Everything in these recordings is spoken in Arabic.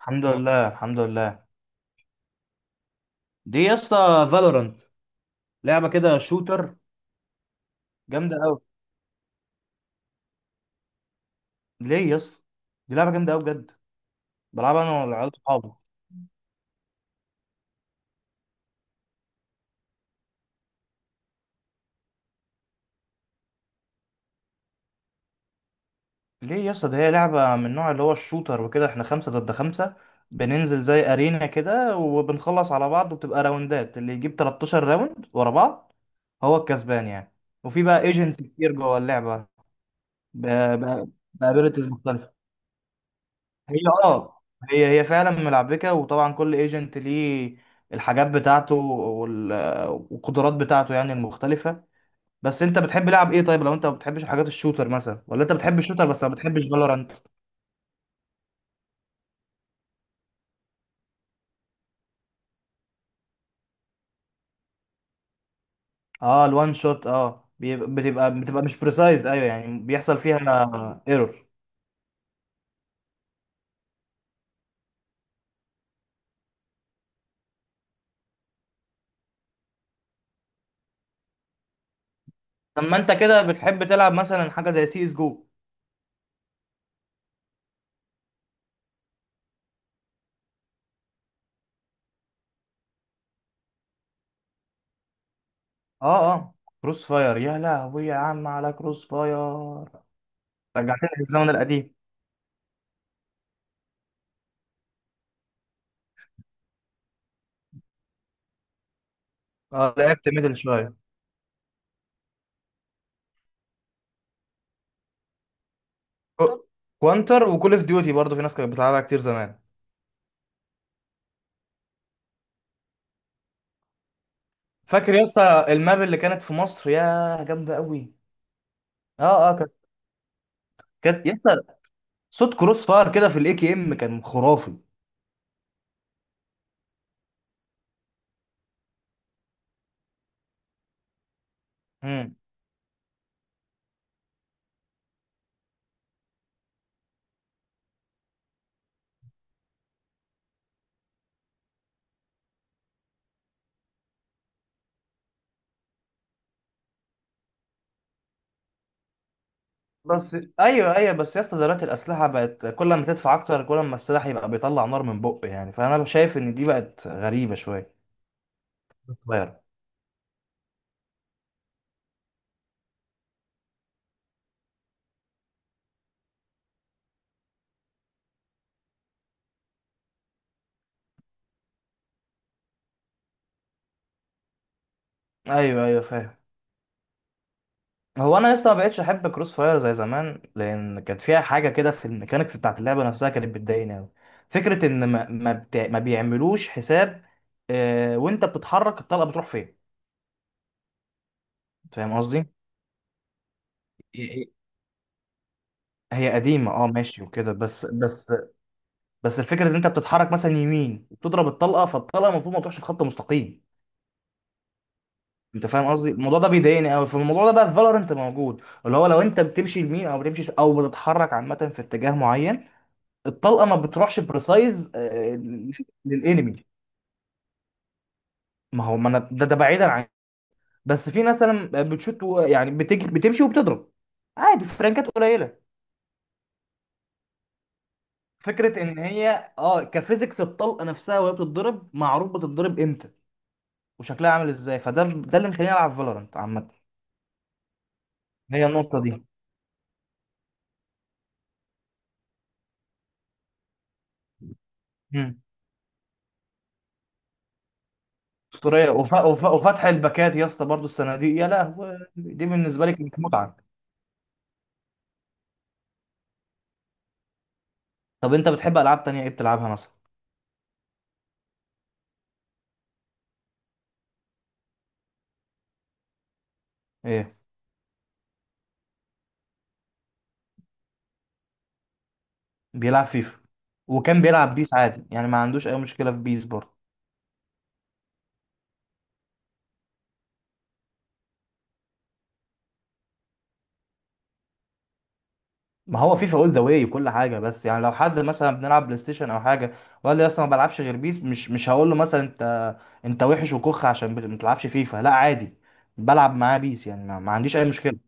الحمد لله. دي يا اسطى فالورانت، لعبه كده شوتر، جامده قوي. ليه يا اسطى؟ دي لعبه جامده قوي بجد، بلعبها انا والعيال صحابي. ليه يا اسطى؟ دي هي لعبه من النوع اللي هو الشوتر وكده. احنا خمسه ضد خمسه، بننزل زي ارينا كده وبنخلص على بعض، وبتبقى راوندات اللي يجيب 13 راوند ورا بعض هو الكسبان يعني. وفي بقى ايجنتس كتير جوه اللعبه، بابيلتيز مختلفه. هي اه هي هي فعلا ملعبكه، وطبعا كل ايجنت ليه الحاجات بتاعته والقدرات بتاعته يعني المختلفه. بس انت بتحب لعب ايه؟ طيب، لو انت ما بتحبش الحاجات الشوتر مثلا، ولا انت بتحب الشوتر بس ما بتحبش فالورانت؟ اه، الوان شوت، بتبقى مش بريسايز، ايوه، يعني بيحصل فيها ايرور. اما انت كده بتحب تلعب مثلا حاجه زي سي اس جو؟ اه، اه. كروس فاير، يا لهوي، يا عم، على كروس فاير، رجعتني للزمن القديم. اه، لعبت ميدل شويه. كو- كوانتر وكول اوف ديوتي برضه في ناس كانت بتلعبها كتير زمان. فاكر يا اسطى الماب اللي كانت في مصر؟ يا جامده قوي. اه، اه، كانت يا اسطى، صوت كروس فاير كده في الاي كي ام كان خرافي. امم. بس ايوه، ايوه، بس يا اسطى دلوقتي الاسلحه بقت كل ما تدفع اكتر كل ما السلاح يبقى بيطلع نار من بقه، يعني فانا شايف ان دي بقت غريبه شويه. صغيره. ايوه، ايوه، فاهم. هو انا لسه ما بقتش احب كروس فاير زي زمان، لان كانت فيها حاجه كده في الميكانيكس بتاعت اللعبه نفسها كانت بتضايقني قوي. فكره ان ما بيعملوش حساب، وانت بتتحرك الطلقه بتروح فين. فاهم قصدي؟ هي هي قديمه، اه، ماشي وكده، بس الفكره ان انت بتتحرك مثلا يمين وبتضرب الطلقه، فالطلقه المفروض ما تروحش خط مستقيم. انت فاهم قصدي؟ الموضوع ده بيضايقني قوي، فالموضوع ده بقى في فالورنت موجود، اللي هو لو انت بتمشي يمين او بتمشي او بتتحرك عامه في اتجاه معين، الطلقه ما بتروحش بريسايز. للانمي، ما هو ما انا، ده بعيدا عن. بس في ناس مثلا بتشوت يعني بتجي بتمشي وبتضرب عادي، فرانكات قليله. فكره ان هي كفيزيكس الطلقه نفسها وهي بتتضرب، معروف بتتضرب امتى وشكلها عامل ازاي، فده اللي مخليني العب فالورانت عامه. هي النقطه دي. مم. اسطوريه، وفتح الباكات يا اسطى، برضه الصناديق، يا لهوي دي بالنسبه لي كانت متعه. طب انت بتحب العاب تانية ايه بتلعبها مثلا؟ ايه. بيلعب فيفا، وكان بيلعب بيس عادي، يعني ما عندوش اي مشكله في بيس برضه. ما هو فيفا اول ذا واي وكل حاجه، بس يعني لو حد مثلا بنلعب بلاي ستيشن او حاجه وقال لي اصلا ما بلعبش غير بيس، مش هقول له مثلا انت وحش وكخ عشان ما بتلعبش فيفا، لا، عادي بلعب معاه بيس، يعني ما عنديش اي مشكله.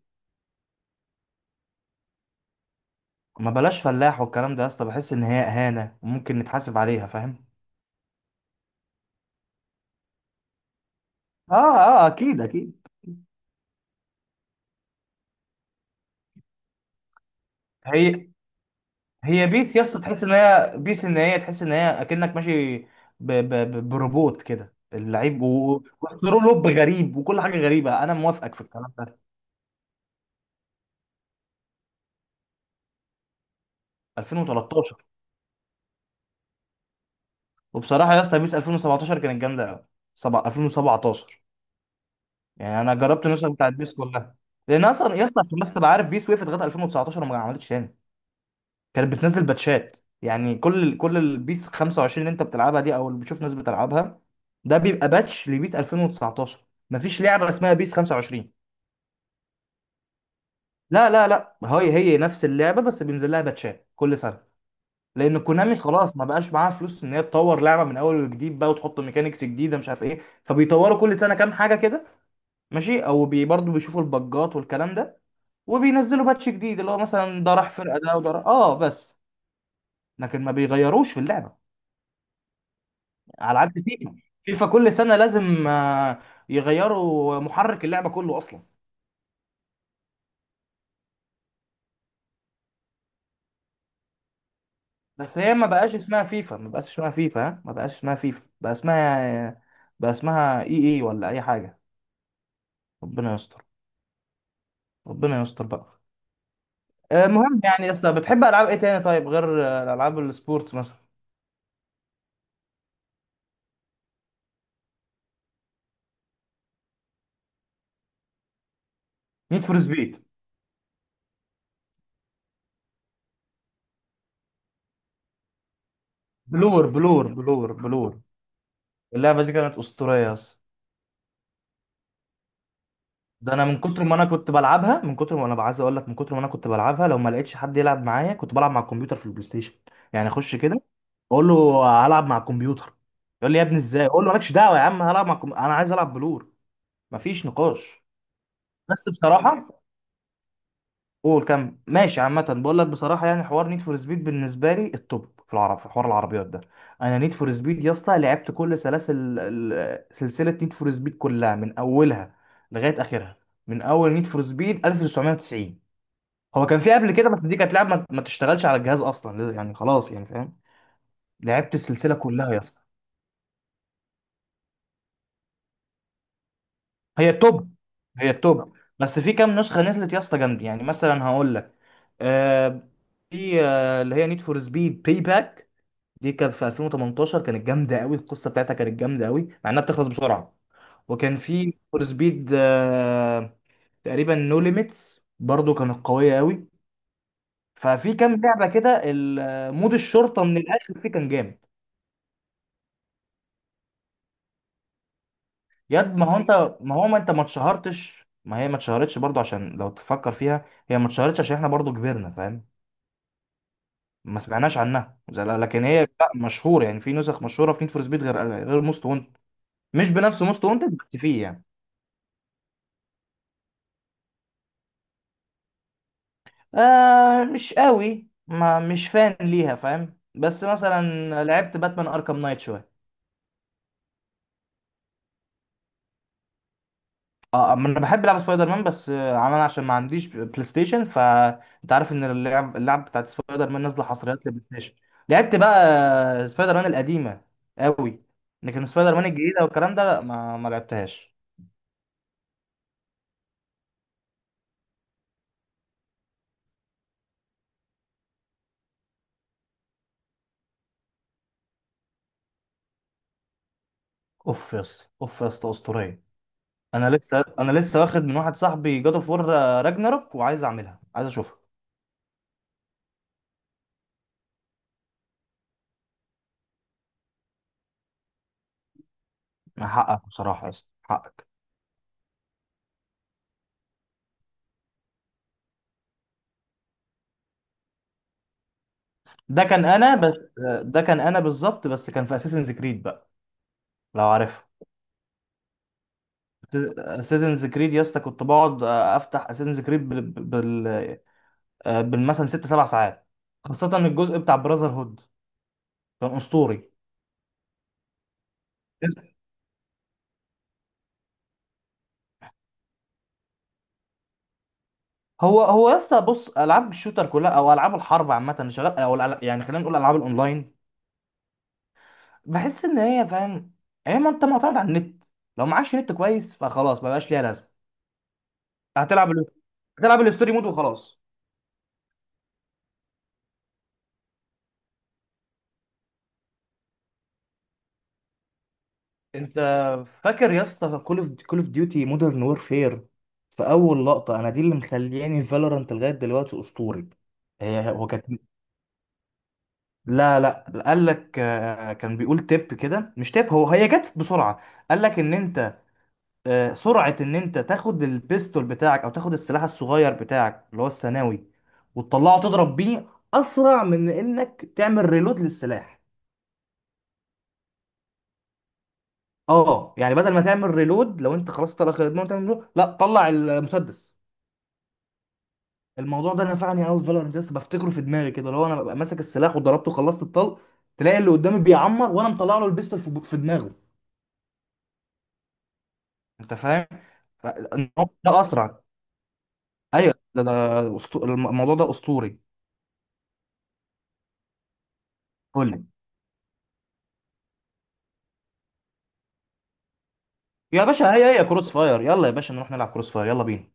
ما بلاش فلاح والكلام ده يا اسطى، بحس ان هي اهانه وممكن نتحاسب عليها، فاهم. اه، اه، اكيد، اكيد. هي هي بيس يا اسطى تحس ان هي بيس، ان هي تحس ان هي اكنك ماشي بروبوت كده اللعيب، وثرو لوب غريب وكل حاجه غريبه، انا موافقك في الكلام ده. 2013. وبصراحه يا اسطى بيس 2017 كانت جامده قوي، 2017، يعني انا جربت النسخه بتاعت بيس كلها. لان اصلا يا اسطى، عشان بس تبقى عارف، بيس وقفت لغايه 2019 وما عملتش تاني، كانت بتنزل باتشات. يعني كل البيس 25 اللي انت بتلعبها دي او اللي بتشوف ناس بتلعبها ده بيبقى باتش لبيس 2019، مفيش لعبه اسمها بيس 25. لا، لا، لا، هي نفس اللعبه بس بينزل لها باتشات كل سنه، لان كونامي خلاص ما بقاش معاها فلوس ان هي تطور لعبه من اول وجديد بقى وتحط ميكانيكس جديده مش عارف ايه، فبيطوروا كل سنه كام حاجه كده. ماشي، او بي برضه بيشوفوا البجات والكلام ده وبينزلوا باتش جديد، اللي هو مثلا ده راح فرقه ده وده راح، بس. لكن ما بيغيروش في اللعبه، على عكس فيفا. فيفا كل سنة لازم يغيروا محرك اللعبة كله أصلا. بس هي ما بقاش اسمها فيفا، ما بقاش اسمها فيفا، ها، ما بقاش اسمها فيفا، بقى اسمها EA ولا أي حاجة. ربنا يستر، ربنا يستر بقى. المهم، يعني يا اسطى، بتحب ألعاب إيه تاني طيب، غير ألعاب السبورتس مثلا؟ نيد فور سبيد. بلور، بلور، بلور، بلور، اللعبة دي كانت أسطورية يا اسطى. ده انا من كتر ما انا كنت بلعبها، من كتر ما انا عايز اقول لك، من كتر ما انا كنت بلعبها لو ما لقيتش حد يلعب معايا كنت بلعب مع الكمبيوتر في البلاي ستيشن. يعني اخش كده اقول له هلعب مع الكمبيوتر، يقول لي يا ابني ازاي، اقول له مالكش دعوه يا عم، انا عايز العب بلور، مفيش نقاش. بس بصراحه، قول كم، ماشي. عامة بقول لك بصراحة، يعني حوار نيد فور سبيد بالنسبة لي التوب في العرب، في حوار العربيات ده. أنا نيد فور سبيد يا اسطى لعبت كل سلاسل سلسلة نيد فور سبيد كلها من أولها لغاية آخرها، من أول نيد فور سبيد 1990. هو كان في قبل كده بس دي كانت لعبة ما تشتغلش على الجهاز أصلا، يعني خلاص، يعني فاهم. لعبت السلسلة كلها يا اسطى. هي التوب. هي التوب. بس في كام نسخة نزلت يا اسطى جامد، يعني مثلا هقول لك، آه، في، اللي هي نيد فور سبيد باي باك، دي كان في 2018 كانت جامده قوي، القصه بتاعتها كانت جامده قوي مع انها بتخلص بسرعه. وكان في فور سبيد، تقريبا نو ليميتس، برضو كانت قويه قوي. ففي كام لعبه كده، مود الشرطه من الاخر فيه كان جامد. ياد، ما هو ما انت ما اتشهرتش، ما هي ما اتشهرتش برضو، عشان لو تفكر فيها هي ما اتشهرتش عشان احنا برضو كبرنا، فاهم. ما سمعناش عنها لكن هي لا مشهوره، يعني في نسخ مشهوره في نيد فور سبيد غير موست وانتد. مش بنفس موست وانتد بس فيه يعني. مش قوي، ما مش فان ليها فاهم، بس مثلا لعبت باتمان اركام نايت شويه. اه، ما انا بحب العب سبايدر مان، بس عمال عشان ما عنديش بلاي ستيشن، فانت عارف ان اللعب بتاعت سبايدر مان نازله حصريات للبلاي ستيشن. لعبت بقى سبايدر مان القديمه قوي، لكن سبايدر مان الجديده والكلام ده لا، ما لعبتهاش. اوف يا اسطى، اوف يا اسطى، اسطوريه. انا لسه واخد من واحد صاحبي جاد اوف وور راجناروك، وعايز اعملها، عايز اشوفها. حقك بصراحه يا اسطى، حقك. ده كان انا بس، ده كان انا بالظبط، بس كان في اساسنز كريد بقى، لو عارفها. اساسنز كريد يا اسطى كنت بقعد افتح اساسنز كريد بالمثلا ست سبع ساعات، خاصة الجزء بتاع براذر هود كان اسطوري. هو يا اسطى بص، العاب الشوتر كلها او العاب الحرب عامة اللي شغال او يعني خلينا نقول العاب الاونلاين، بحس ان هي، فاهم، هي ما انت معتمد على النت، لو معكش نت كويس فخلاص ما بقاش ليها لازمة. هتلعب ال- هتلعب الستوري مود وخلاص. انت فاكر يا اسطى كول اوف ديوتي مودرن وورفير؟ في اول لقطه انا دي اللي مخلياني فالورانت لغايه دلوقتي، اسطوري. هي، هو كانت، لا، لا، قال لك، كان بيقول تip كده، مش تip، هو، هي جت بسرعه، قال لك ان انت، سرعه ان انت تاخد البيستول بتاعك او تاخد السلاح الصغير بتاعك اللي هو الثانوي وتطلعه تضرب بيه اسرع من انك تعمل ريلود للسلاح. اه، يعني بدل ما تعمل ريلود، لو انت خلاص طلع خدمه وتعمل reload، لا، طلع المسدس. الموضوع ده نفعني قوي في فالورنت، لسه بفتكره في دماغي كده، اللي هو انا ببقى ماسك السلاح وضربته وخلصت الطلق، تلاقي اللي قدامي بيعمر وانا مطلع له البيستول في دماغه. انت فاهم؟ الموضوع ده اسرع. ايوه، ده الموضوع ده اسطوري. قول لي. يا باشا، هي كروس فاير، يلا يا باشا نروح نلعب كروس فاير، يلا بينا.